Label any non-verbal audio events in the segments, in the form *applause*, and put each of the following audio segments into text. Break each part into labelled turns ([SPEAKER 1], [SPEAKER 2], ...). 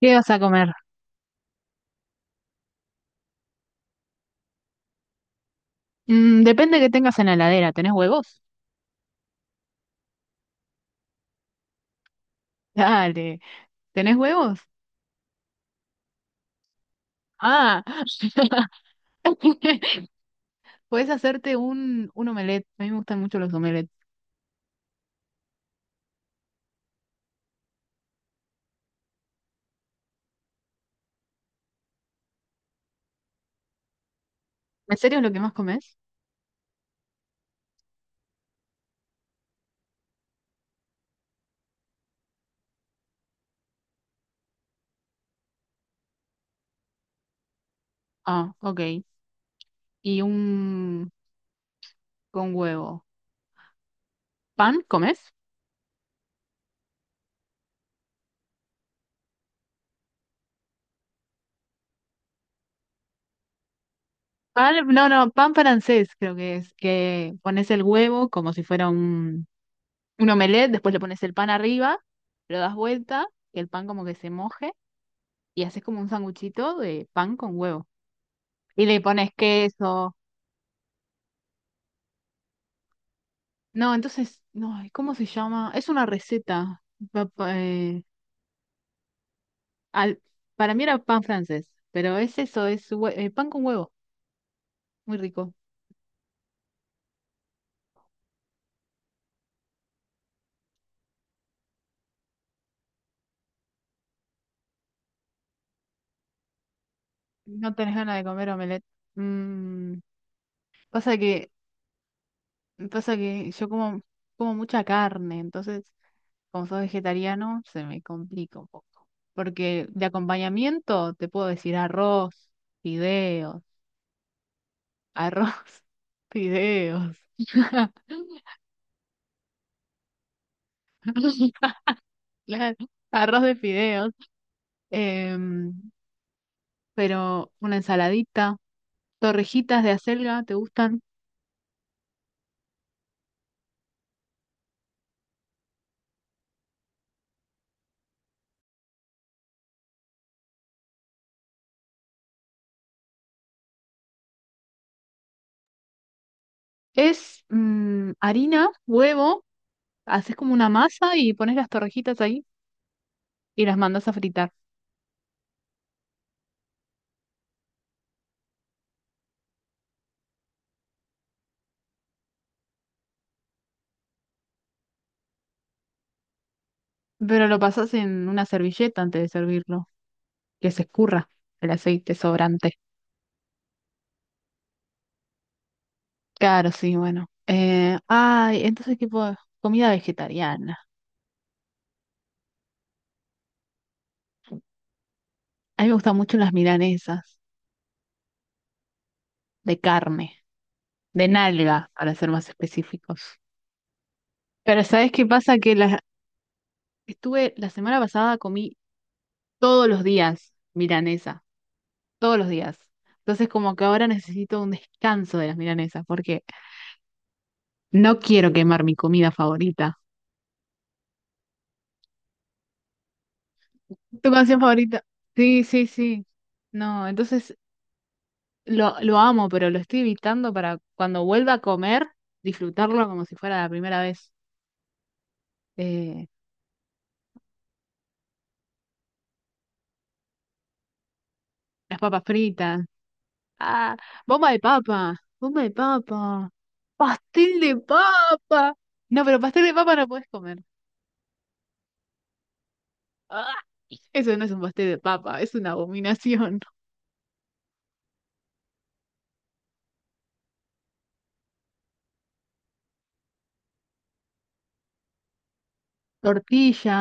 [SPEAKER 1] ¿Qué vas a comer? Mm, depende que tengas en la heladera. ¿Tenés huevos? *laughs* Dale. ¿Tenés huevos? Ah. *laughs* Podés hacerte un omelette. A mí me gustan mucho los omelettes. ¿En serio es lo que más comes? Ah, ok. Y un con huevo. ¿Pan comes? Pan, no, no, pan francés creo que es. Que pones el huevo como si fuera un omelette, después le pones el pan arriba, lo das vuelta, que el pan como que se moje y haces como un sanguchito de pan con huevo. Y le pones queso. No, entonces, no, ¿cómo se llama? Es una receta. Pa- pa- eh, al- para mí era pan francés, pero es eso, es pan con huevo, muy rico. No tenés ganas de comer omelette. Mm, pasa que, pasa que yo como, como mucha carne, entonces, como soy vegetariano, se me complica un poco. Porque de acompañamiento te puedo decir arroz, fideos, arroz, *laughs* fideos. *laughs* Claro, arroz de fideos, em, pero una ensaladita, torrejitas de acelga, ¿te gustan? Es harina, huevo, haces como una masa y pones las torrejitas ahí y las mandas a fritar. Pero lo pasas en una servilleta antes de servirlo, que se escurra el aceite sobrante. Claro, sí, bueno. Ay, entonces tipo de comida vegetariana. A mí me gustan mucho las milanesas de carne, de nalga, para ser más específicos. Pero ¿sabes qué pasa? Estuve la semana pasada comí todos los días milanesa, todos los días. Entonces como que ahora necesito un descanso de las milanesas porque no quiero quemar mi comida favorita. ¿Tu canción favorita? Sí, sí, sí. No, entonces lo amo, pero lo estoy evitando para cuando vuelva a comer, disfrutarlo como si fuera la primera vez. Eh, las papas fritas. Ah, bomba de papa, bomba de papa. ¡Pastel de papa! No, pero pastel de papa no puedes comer. ¡Ah! Eso no es un pastel de papa, es una abominación. Tortilla.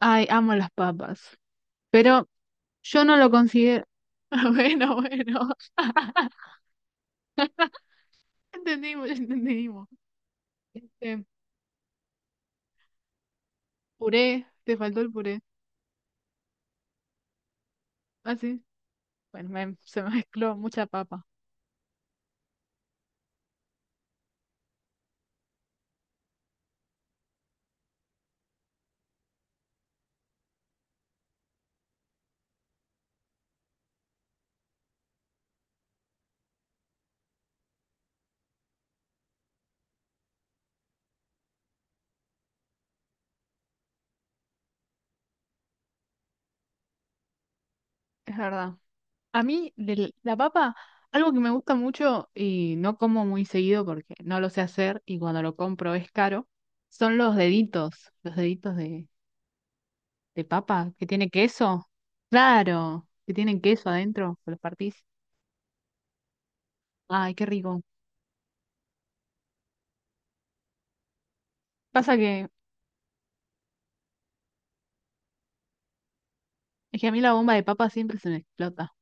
[SPEAKER 1] Ay, amo las papas. Pero yo no lo considero. *laughs* Bueno, bueno. Entendimos, ya entendimos. Este, puré, te faltó el puré. Ah, sí. Bueno, se me mezcló mucha papa. Es verdad. A mí, de la papa, algo que me gusta mucho y no como muy seguido porque no lo sé hacer y cuando lo compro es caro, son los deditos de papa que tiene queso. Claro, que tienen queso adentro, que los partís. Ay, qué rico. Pasa que es que a mí la bomba de papa siempre se me explota.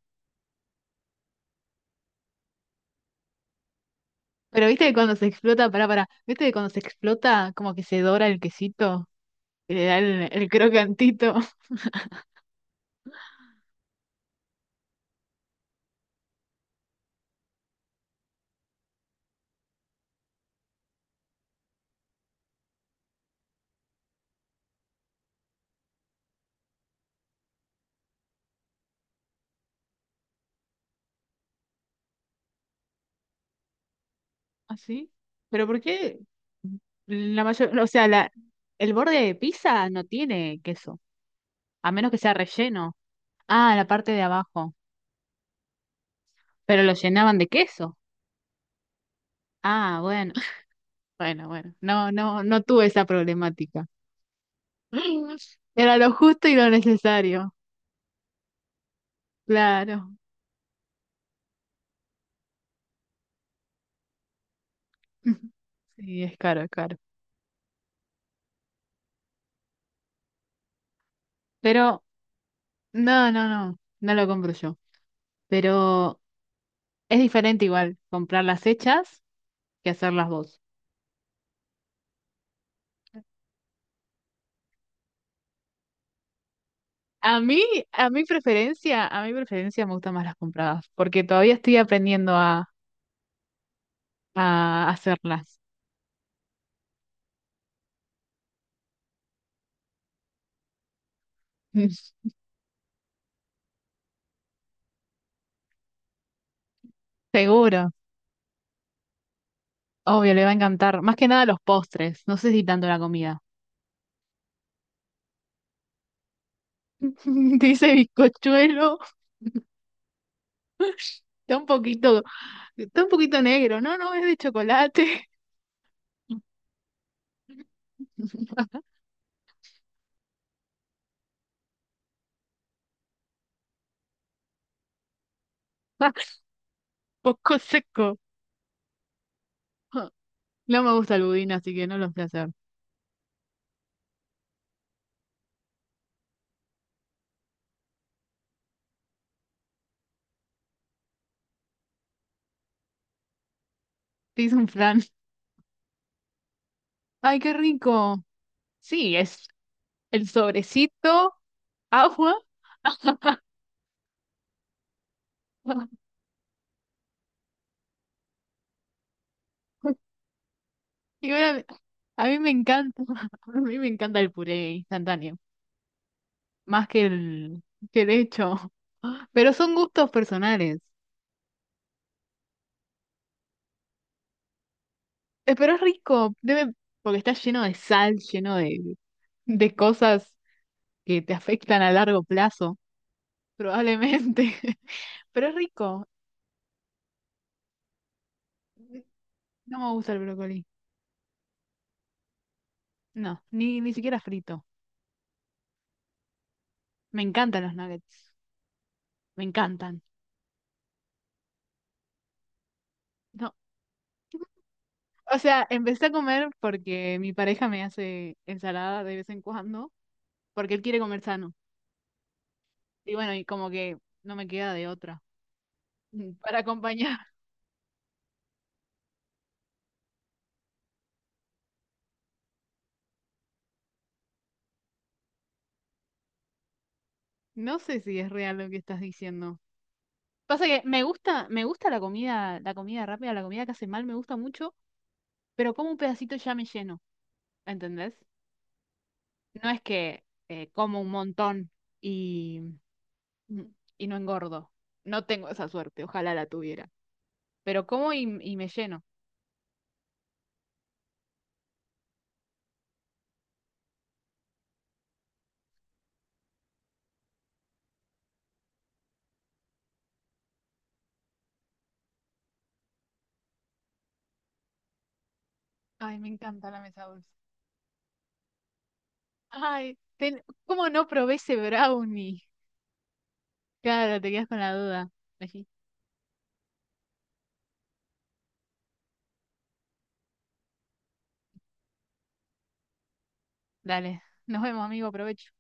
[SPEAKER 1] Pero viste que cuando se explota, pará, pará, viste que cuando se explota como que se dora el quesito, que le da el crocantito. ¿Ah, sí? ¿Pero por qué la mayor, o sea, la, el borde de pizza no tiene queso, a menos que sea relleno? Ah, la parte de abajo. Pero lo llenaban de queso. Ah, bueno, *laughs* bueno, bueno. No, no, no tuve esa problemática. *laughs* Era lo justo y lo necesario. Claro. *laughs* Sí, es caro, es caro. Pero no, no, no, no lo compro yo. Pero es diferente igual comprar las hechas que hacerlas vos. A mí, a mi preferencia me gustan más las compradas, porque todavía estoy aprendiendo a hacerlas. *laughs* Seguro, obvio, le va a encantar. Más que nada los postres, no sé si tanto la comida. *laughs* Dice bizcochuelo, está un poquito, está un poquito negro. No, no, es de chocolate. *laughs* Ah, poco seco. No me gusta el budín, así que no lo voy a hacer. Te hice un flan. Ay, qué rico. Sí, es el sobrecito, agua. *laughs* Y bueno, a mí me encanta, *laughs* a mí me encanta el puré instantáneo, más que que el hecho. *laughs* Pero son gustos personales. Pero es rico, debe, porque está lleno de sal, lleno de cosas que te afectan a largo plazo, probablemente. *laughs* Pero es rico. No me gusta el brócoli. No, ni, ni siquiera frito. Me encantan los nuggets. Me encantan. No. O sea, empecé a comer porque mi pareja me hace ensalada de vez en cuando. Porque él quiere comer sano. Y bueno, y como que no me queda de otra *laughs* para acompañar. No sé si es real lo que estás diciendo. Pasa que me gusta la comida rápida, la comida que hace mal, me gusta mucho, pero como un pedacito ya me lleno, ¿entendés? No es que como un montón y, mm, y no engordo. No tengo esa suerte, ojalá la tuviera. Pero como y me lleno. Ay, me encanta la mesa dulce. Ay, ¿cómo no probé ese brownie? Claro, te quedas con la duda. Dale, nos vemos, amigo, provecho.